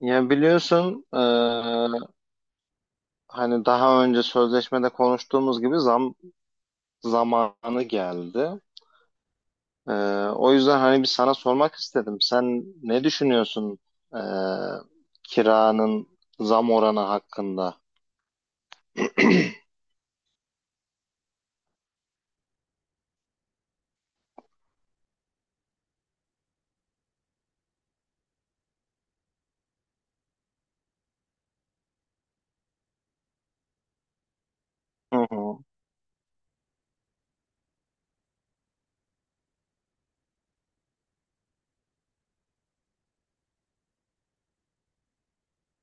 Ya biliyorsun hani daha önce sözleşmede konuştuğumuz gibi zam zamanı geldi. E, O yüzden hani bir sana sormak istedim. Sen ne düşünüyorsun e, kiranın zam oranı hakkında? Hı hı.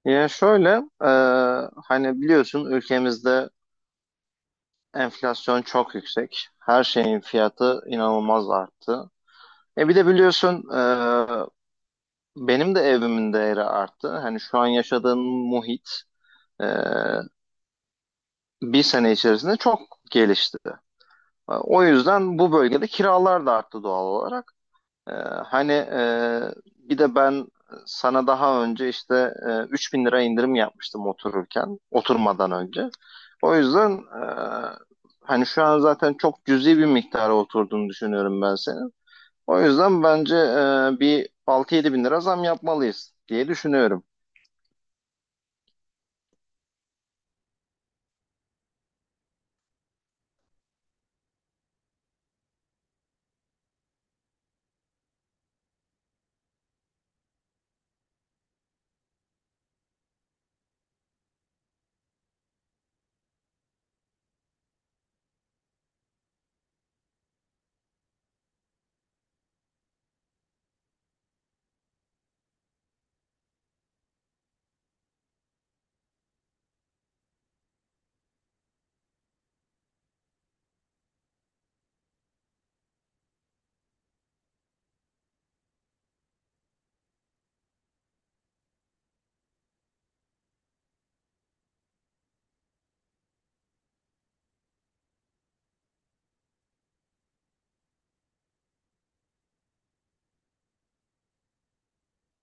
Ya şöyle e, hani biliyorsun ülkemizde enflasyon çok yüksek. Her şeyin fiyatı inanılmaz arttı. Bir de biliyorsun benim de evimin değeri arttı. Hani şu an yaşadığım muhit e, bir sene içerisinde çok gelişti. O yüzden bu bölgede kiralar da arttı doğal olarak. E, hani bir de ben sana daha önce işte 3 bin lira indirim yapmıştım otururken, oturmadan önce. O yüzden hani şu an zaten çok cüzi bir miktara oturduğunu düşünüyorum ben senin. O yüzden bence bir 6-7 bin lira zam yapmalıyız diye düşünüyorum.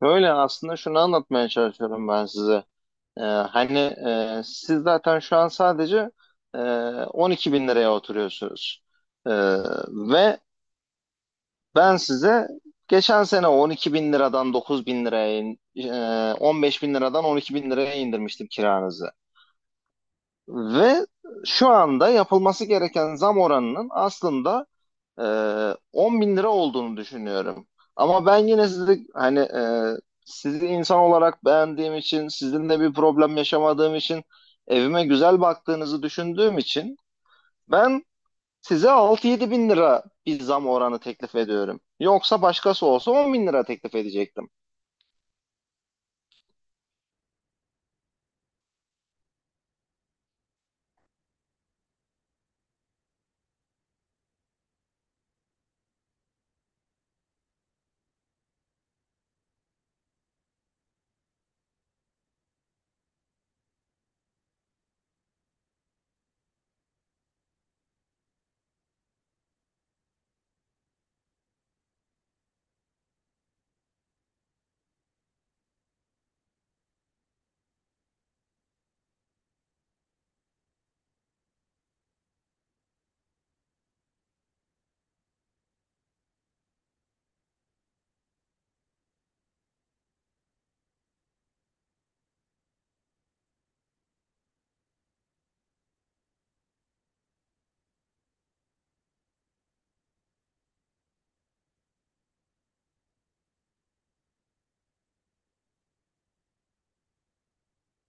Öyle aslında şunu anlatmaya çalışıyorum ben size. Hani siz zaten şu an sadece e, 12 bin liraya oturuyorsunuz. Ee, ve ben size geçen sene 12 bin liradan 9 bin liraya, 15 bin liradan 12 bin liraya indirmiştim kiranızı. Ve şu anda yapılması gereken zam oranının aslında e, 10 bin lira olduğunu düşünüyorum. Ama ben yine sizi hani sizi insan olarak beğendiğim için, sizinle bir problem yaşamadığım için, evime güzel baktığınızı düşündüğüm için ben size 6-7 bin lira bir zam oranı teklif ediyorum. Yoksa başkası olsa 10 bin lira teklif edecektim.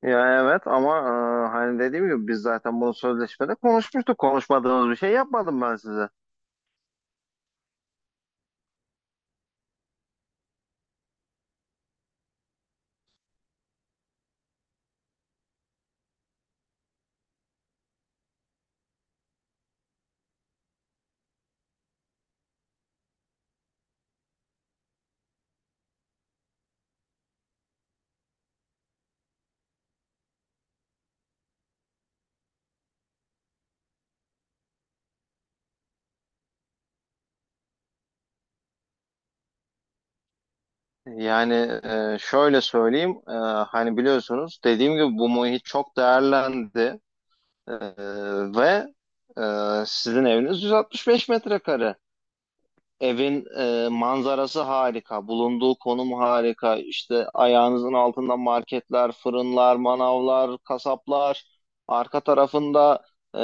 Ya evet ama hani dediğim gibi biz zaten bunu sözleşmede konuşmuştuk. Konuşmadığımız bir şey yapmadım ben size. Yani şöyle söyleyeyim, hani biliyorsunuz dediğim gibi bu muhit çok değerlendi. E, ve e, sizin eviniz 165 metrekare. Evin manzarası harika, bulunduğu konum harika. İşte ayağınızın altında marketler, fırınlar, manavlar, kasaplar. Arka tarafında e,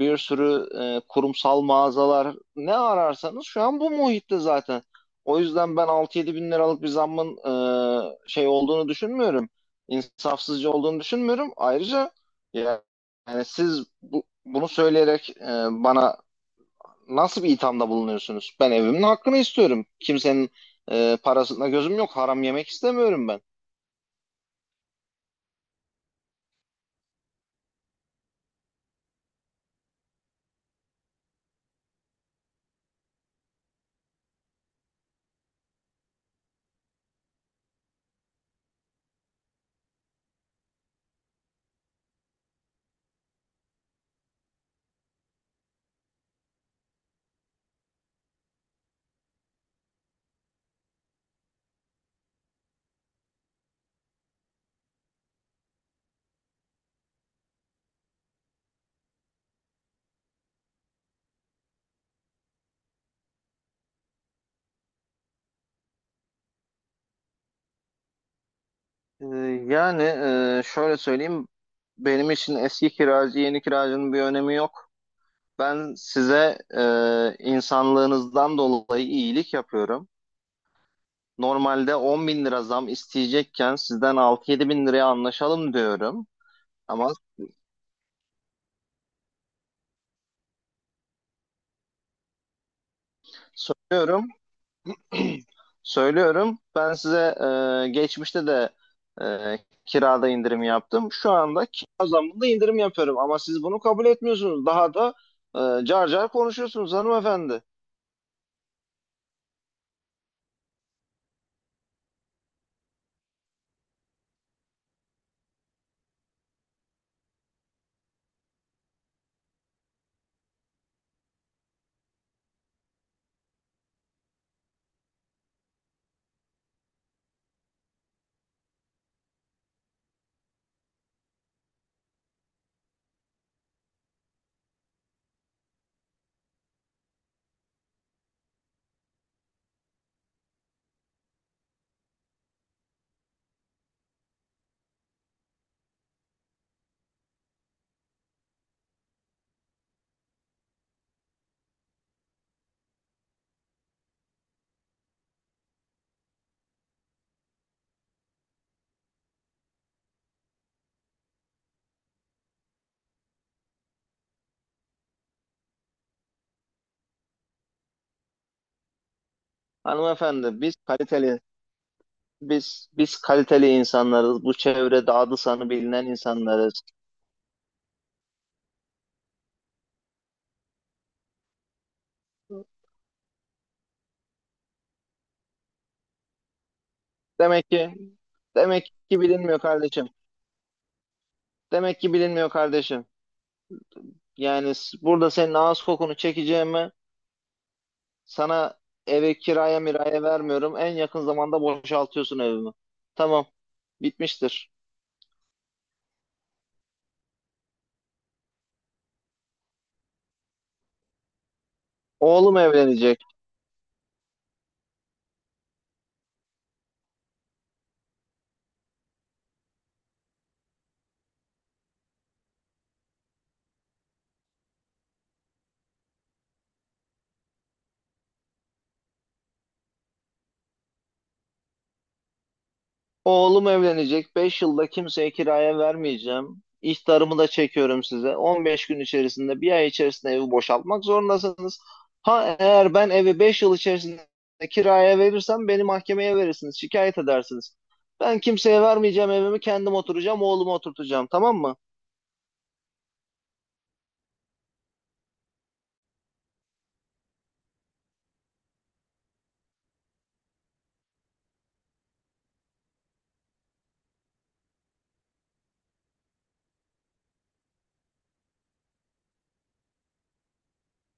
bir sürü kurumsal mağazalar. Ne ararsanız şu an bu muhitte zaten. O yüzden ben 6-7 bin liralık bir zammın şey olduğunu düşünmüyorum. İnsafsızca olduğunu düşünmüyorum. Ayrıca yani siz bunu söyleyerek bana nasıl bir ithamda bulunuyorsunuz? Ben evimin hakkını istiyorum. Kimsenin parasına gözüm yok. Haram yemek istemiyorum ben. E, yani şöyle söyleyeyim. Benim için eski kiracı, yeni kiracının bir önemi yok. Ben size insanlığınızdan dolayı iyilik yapıyorum. Normalde 10 bin lira zam isteyecekken sizden 6-7 bin liraya anlaşalım diyorum. Ama söylüyorum Söylüyorum. Ben size geçmişte de e, kirada indirim yaptım. Şu anda kira zammında indirim yapıyorum. Ama siz bunu kabul etmiyorsunuz. Daha da car car konuşuyorsunuz hanımefendi. Hanımefendi biz kaliteli insanlarız. Bu çevrede adı sanı bilinen insanlarız. Demek ki demek ki bilinmiyor kardeşim. Demek ki bilinmiyor kardeşim. Yani burada senin ağız kokunu çekeceğime sana eve kiraya miraya vermiyorum. En yakın zamanda boşaltıyorsun evimi. Tamam. Bitmiştir. Oğlum evlenecek. Oğlum evlenecek. 5 yılda kimseye kiraya vermeyeceğim. İhtarımı da çekiyorum size. 15 gün içerisinde, bir ay içerisinde evi boşaltmak zorundasınız. Ha eğer ben evi 5 yıl içerisinde kiraya verirsem beni mahkemeye verirsiniz. Şikayet edersiniz. Ben kimseye vermeyeceğim evimi kendim oturacağım, oğlumu oturtacağım. Tamam mı?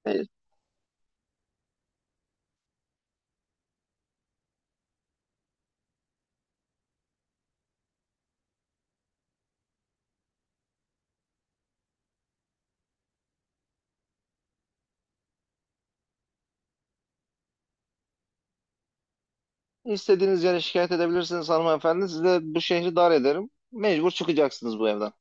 E, İstediğiniz yere şikayet edebilirsiniz hanımefendi. Size bu şehri dar ederim. Mecbur çıkacaksınız bu evden.